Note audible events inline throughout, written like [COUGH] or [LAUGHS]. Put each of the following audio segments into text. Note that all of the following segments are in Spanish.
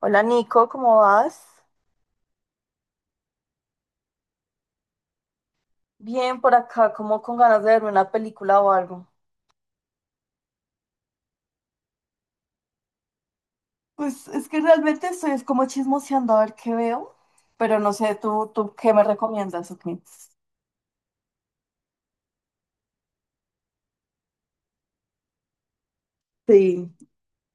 Hola Nico, ¿cómo vas? Bien por acá, como con ganas de verme una película o algo. Pues es que realmente estoy es como chismoseando a ver qué veo, pero no sé, ¿tú ¿qué me recomiendas o qué? Sí.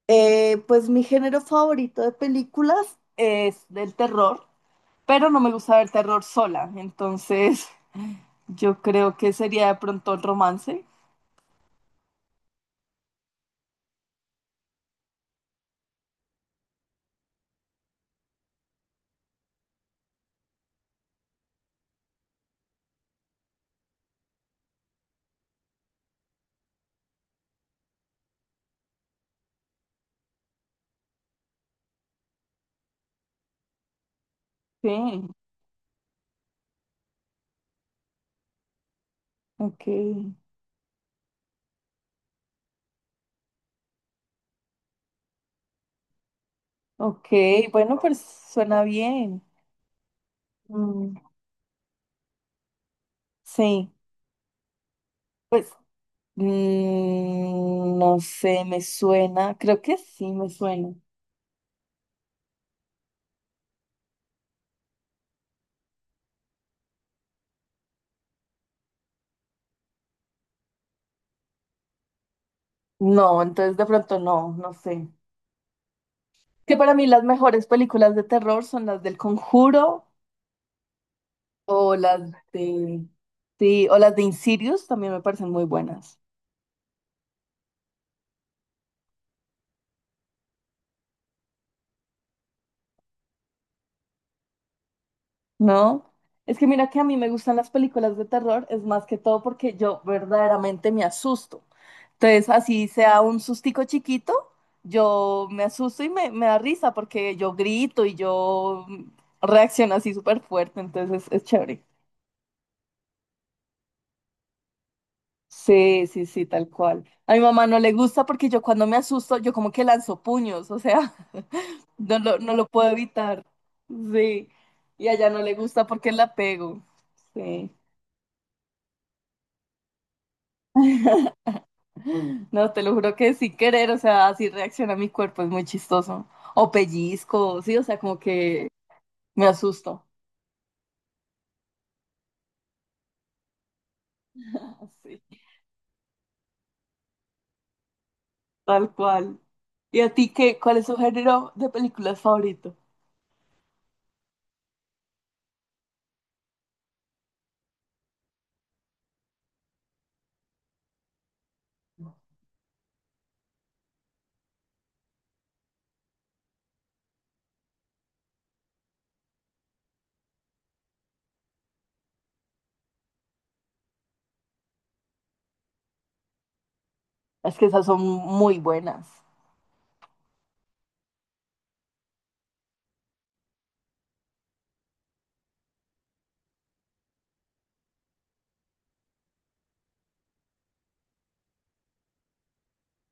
Pues mi género favorito de películas es del terror, pero no me gusta ver terror sola, entonces [LAUGHS] yo creo que sería de pronto el romance. Sí, ok, ok, bueno, pues suena bien. Mm, sí, pues mm, no sé, me suena. Creo que sí, me suena. No, entonces de pronto no, no sé. Que para mí las mejores películas de terror son las del Conjuro o las de... Sí, o las de Insidious también me parecen muy buenas. No, es que mira que a mí me gustan las películas de terror, es más que todo porque yo verdaderamente me asusto. Entonces, así sea un sustico chiquito, yo me asusto y me da risa porque yo grito y yo reacciono así súper fuerte, entonces es chévere. Sí, sí, sí, tal cual. A mi mamá no le gusta porque yo cuando me asusto, yo como que lanzo puños, o sea, [LAUGHS] no lo puedo evitar. Sí, y a ella no le gusta porque la pego. Sí. No, te lo juro que sin querer, o sea, así reacciona mi cuerpo, es muy chistoso. O pellizco, sí, o sea, como que me asusto. Sí, tal cual. ¿Y a ti qué? ¿Cuál es tu género de películas favorito? Es que esas son muy buenas.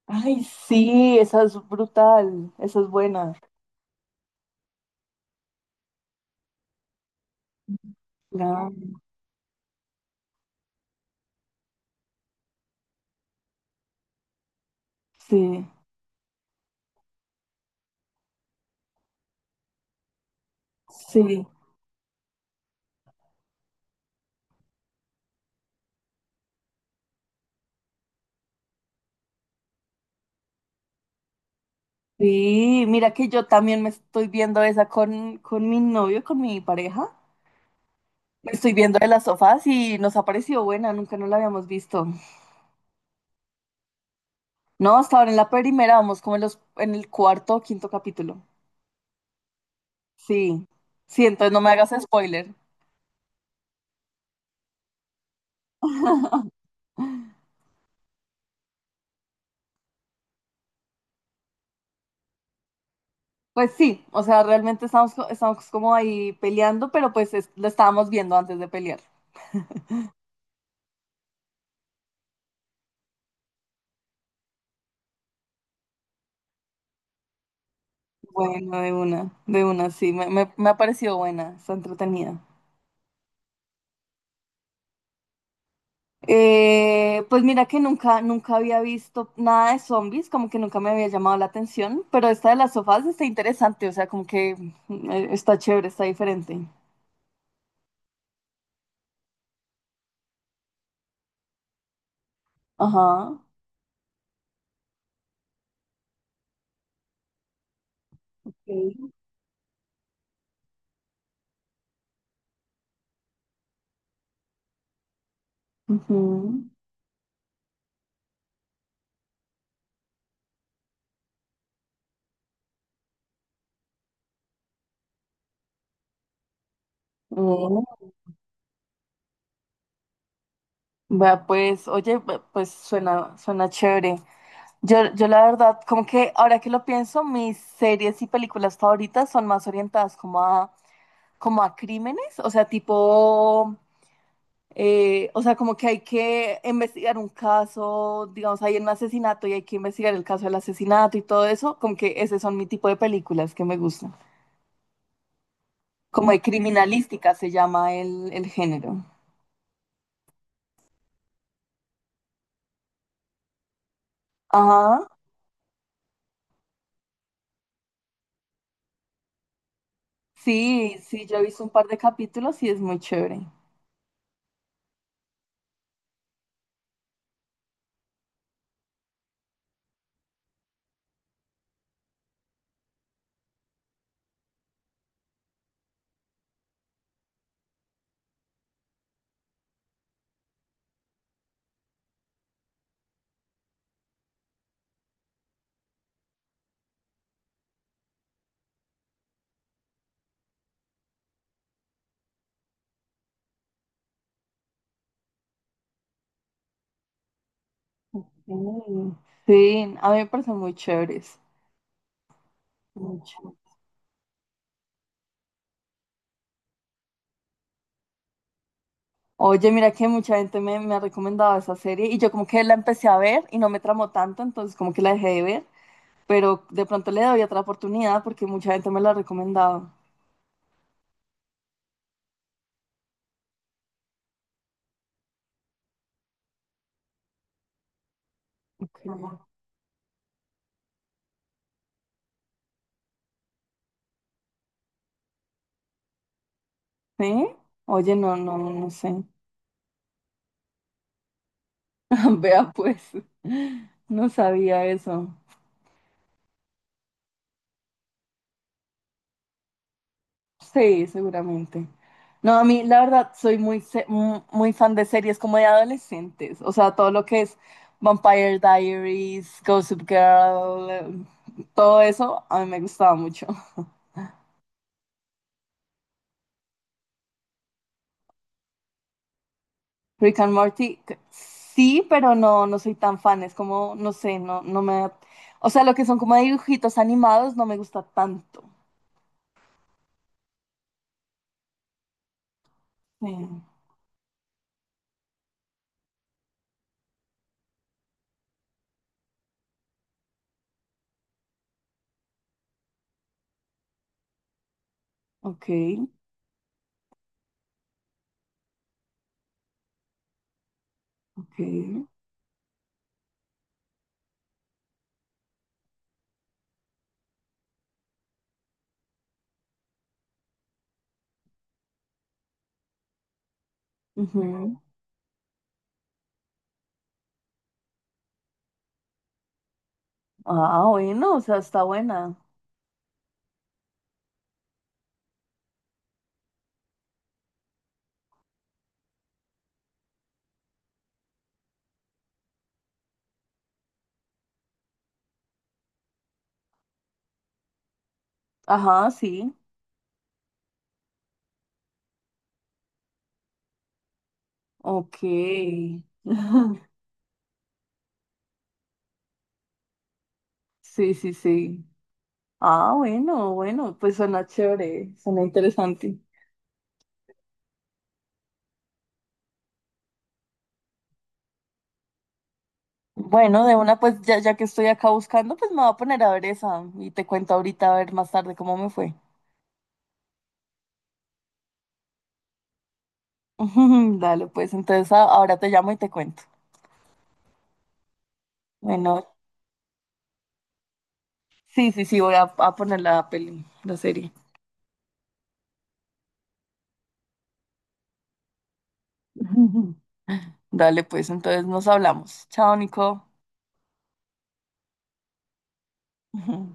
Ay, sí, esa es brutal, esa es buena. Claro, sí, sí, sí. Mira que yo también me estoy viendo esa con mi novio, con mi pareja. Me estoy viendo de las sofás y nos ha parecido buena, nunca no la habíamos visto. No, hasta ahora en la primera, vamos como en los, en el cuarto o quinto capítulo. Sí, sí, entonces no me hagas spoiler. Pues sí, o sea, realmente estamos, co- estamos como ahí peleando, pero pues es- lo estábamos viendo antes de pelear. Bueno, de una, sí, me ha parecido buena, está entretenida. Pues mira que nunca, nunca había visto nada de zombies, como que nunca me había llamado la atención, pero esta de las sofás está interesante, o sea, como que está chévere, está diferente. Ajá. Ok. Ujú. Mm, vea, pues, oye, ve- pues suena, suena chévere. Yo la verdad, como que ahora que lo pienso, mis series y películas favoritas son más orientadas como a, como a crímenes, o sea, tipo, o sea, como que hay que investigar un caso, digamos, hay un asesinato y hay que investigar el caso del asesinato y todo eso, como que ese son mi tipo de películas que me gustan. Como de criminalística se llama el género. Ajá. Sí, sí, yo he visto un par de capítulos y es muy chévere. Mm, sí, a mí me parecen muy chéveres. Muy chévere. Oye, mira que mucha gente me ha recomendado esa serie y yo como que la empecé a ver y no me tramó tanto, entonces como que la dejé de ver, pero de pronto le doy otra oportunidad porque mucha gente me la ha recomendado. Ok. ¿Sí? Oye, no sé. [LAUGHS] Vea pues, no sabía eso. Sí, seguramente. No, a mí la verdad soy muy, se- mu- muy fan de series como de adolescentes, o sea, todo lo que es Vampire Diaries, Gossip Girl, todo eso a mí me gustaba mucho. Rick and Morty, c- sí, pero no, no soy tan fan, es como, no sé, no me... O sea, lo que son como dibujitos animados no me gusta tanto. Sí. Ok, ok. Ujú. Ah, bueno, o sea, está buena. Ajá, sí. Ok. [LAUGHS] Sí, sí, sí. Ah, bueno, bueno, pues suena chévere, suena interesante. Bueno, de una, pues ya, ya que estoy acá buscando, pues me voy a poner a ver esa y te cuento ahorita, a ver más tarde cómo me fue. [LAUGHS] Dale, pues entonces a- ahora te llamo y te cuento. Bueno, sí, sí, sí, voy a poner la peli, la serie. [LAUGHS] Dale, pues entonces nos hablamos. Chao, Nico. [LAUGHS]